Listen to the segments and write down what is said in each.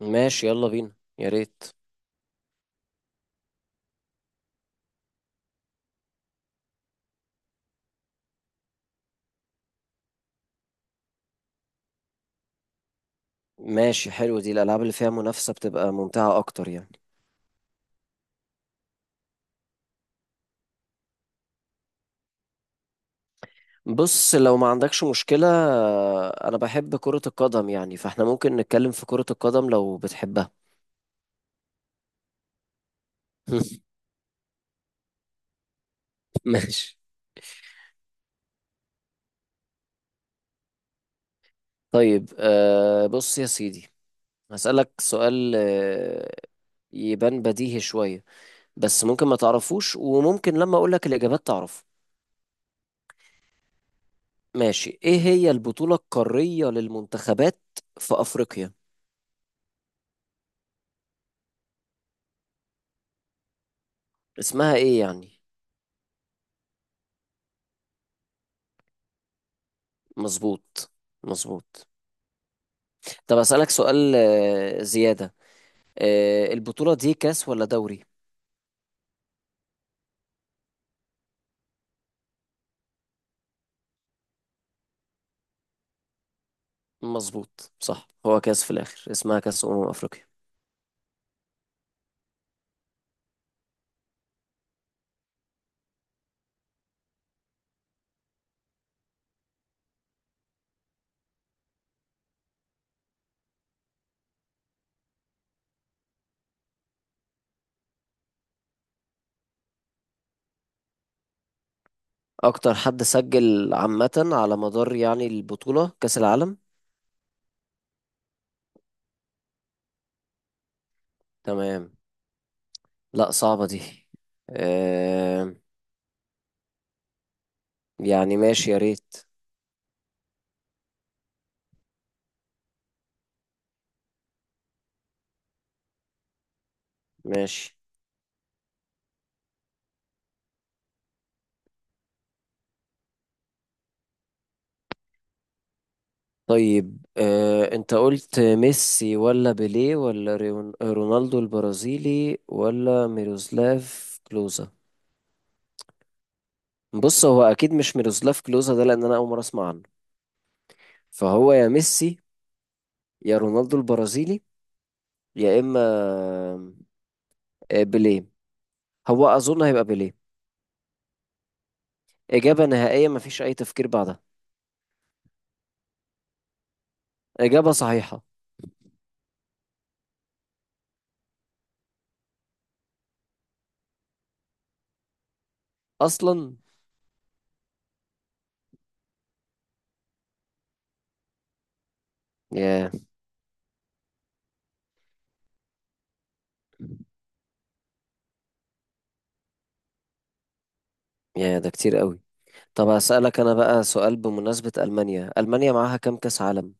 ماشي، يلا بينا. يا ريت. ماشي، حلو، دي الألعاب اللي فيها منافسة بتبقى ممتعة أكتر يعني. بص، لو ما عندكش مشكلة أنا بحب كرة القدم يعني، فإحنا ممكن نتكلم في كرة القدم لو بتحبها. ماشي. طيب، بص يا سيدي، هسألك سؤال. يبان بديهي شوية، بس ممكن ما تعرفوش وممكن لما أقولك الإجابات تعرف. ماشي. إيه هي البطولة القارية للمنتخبات في أفريقيا؟ اسمها إيه يعني؟ مظبوط، مظبوط. طب أسألك سؤال زيادة. البطولة دي كاس ولا دوري؟ مظبوط، صح، هو كاس في الآخر، اسمها كاس أمم أفريقيا. أكتر حد سجل عامة على مدار يعني البطولة كاس العالم. تمام. لا، صعبة دي آه، يعني ماشي، يا ريت. ماشي. طيب، أنت قلت ميسي ولا بيليه ولا رونالدو البرازيلي ولا ميروسلاف كلوزا. بص هو اكيد مش ميروسلاف كلوزا ده، لان انا اول مره اسمع عنه. فهو يا ميسي، يا رونالدو البرازيلي، يا اما بيليه. هو اظن هيبقى بيليه. اجابه نهائيه، مفيش اي تفكير بعدها. اجابه صحيحه اصلا. يا يا ده كتير قوي. طب هسألك انا بقى سؤال، بمناسبه المانيا، المانيا معاها كام كاس عالم؟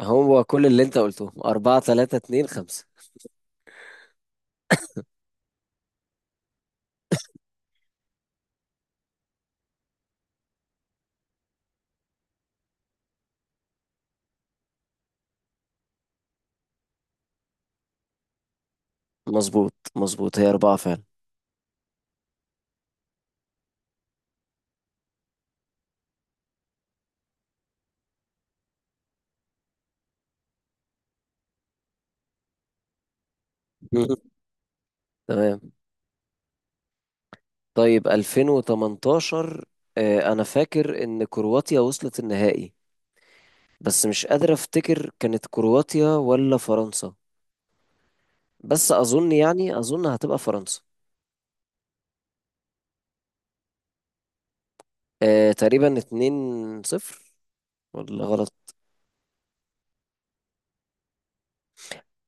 هو كل اللي انت قلته أربعة، تلاتة، اتنين، خمسة. مظبوط، مظبوط، هي أربعة فعلا. تمام. طيب 2018، انا فاكر ان كرواتيا وصلت النهائي، بس مش قادر افتكر كانت كرواتيا ولا فرنسا. بس اظن، يعني اظن هتبقى فرنسا. تقريبا 2-0، ولا غلط؟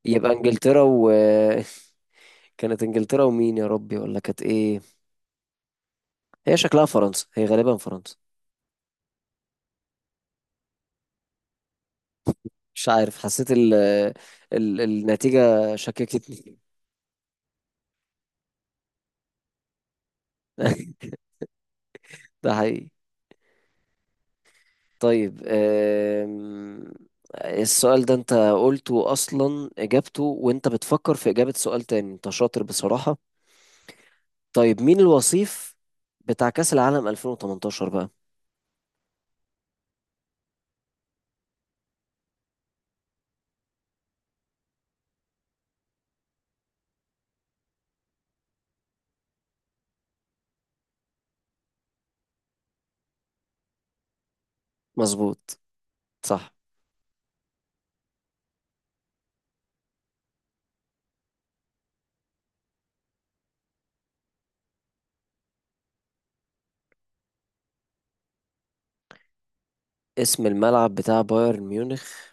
يبقى انجلترا و كانت انجلترا ومين يا ربي؟ ولا كانت ايه؟ هي شكلها فرنسا، هي غالبا فرنسا. مش عارف، حسيت النتيجة شككتني. ده حقيقي. طيب. السؤال ده انت قلته اصلا اجابته وانت بتفكر في اجابة سؤال تاني، انت شاطر بصراحة. طيب مين الوصيف بتاع كأس العالم 2018 بقى؟ مظبوط، صح. اسم الملعب بتاع بايرن ميونخ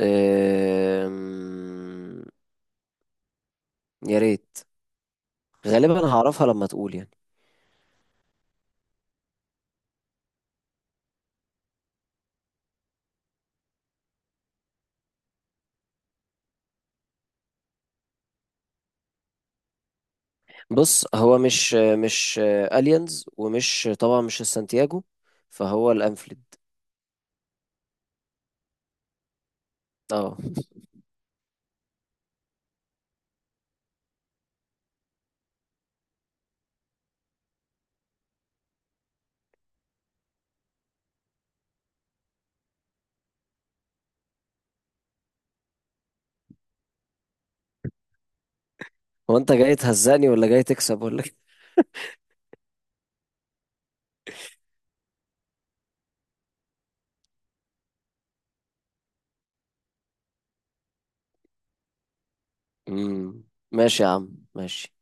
آم، يا ريت، غالبا هعرفها لما تقول يعني. بص، هو مش اليانز، ومش طبعا مش السانتياجو، فهو الانفيلد. اه. هو انت جاي تهزقني ولا جاي تكسب ولا؟ امم، ماشي يا عم، ماشي.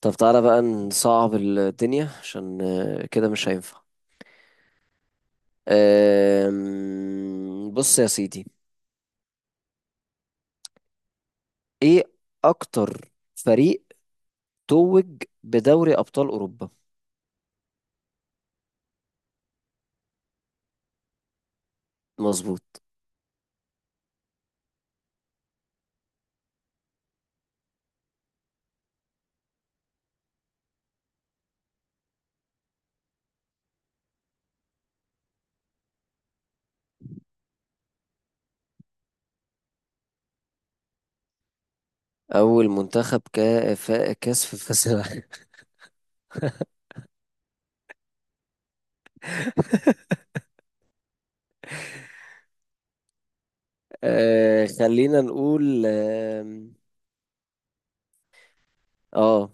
طب تعالى بقى نصعب الدنيا، عشان كده مش هينفع. بص يا سيدي، ايه اكتر فريق توج بدوري ابطال اوروبا؟ مظبوط. اول منتخب كاس في كاس العالم. خلينا نقول. اه،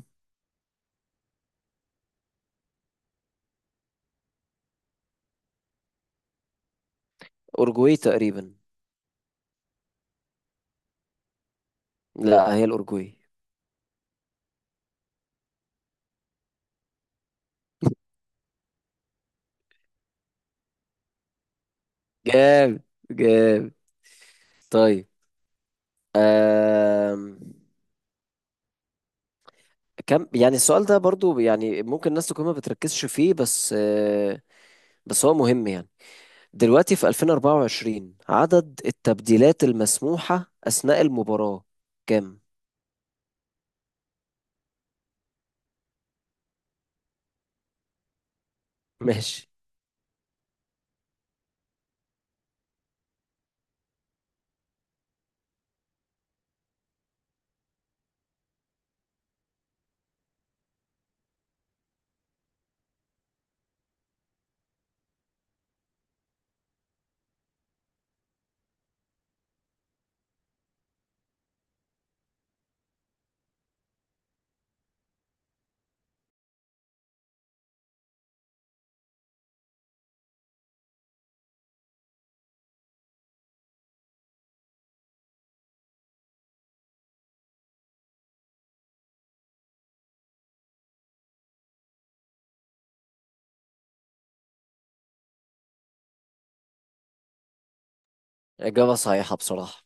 اورجواي تقريبا. لا هي الاورجواي. جاب، جاب. طيب آم، كم يعني؟ السؤال ده برضو يعني ممكن الناس تكون ما بتركزش فيه بس هو مهم يعني. دلوقتي في 2024 عدد التبديلات المسموحة أثناء المباراة كام؟ ماشي. إجابة صحيحة بصراحة.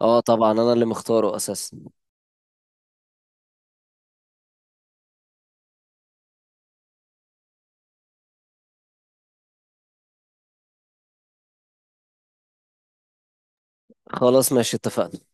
اه طبعا، أنا اللي مختاره أساسا. خلاص، ماشي اتفقنا.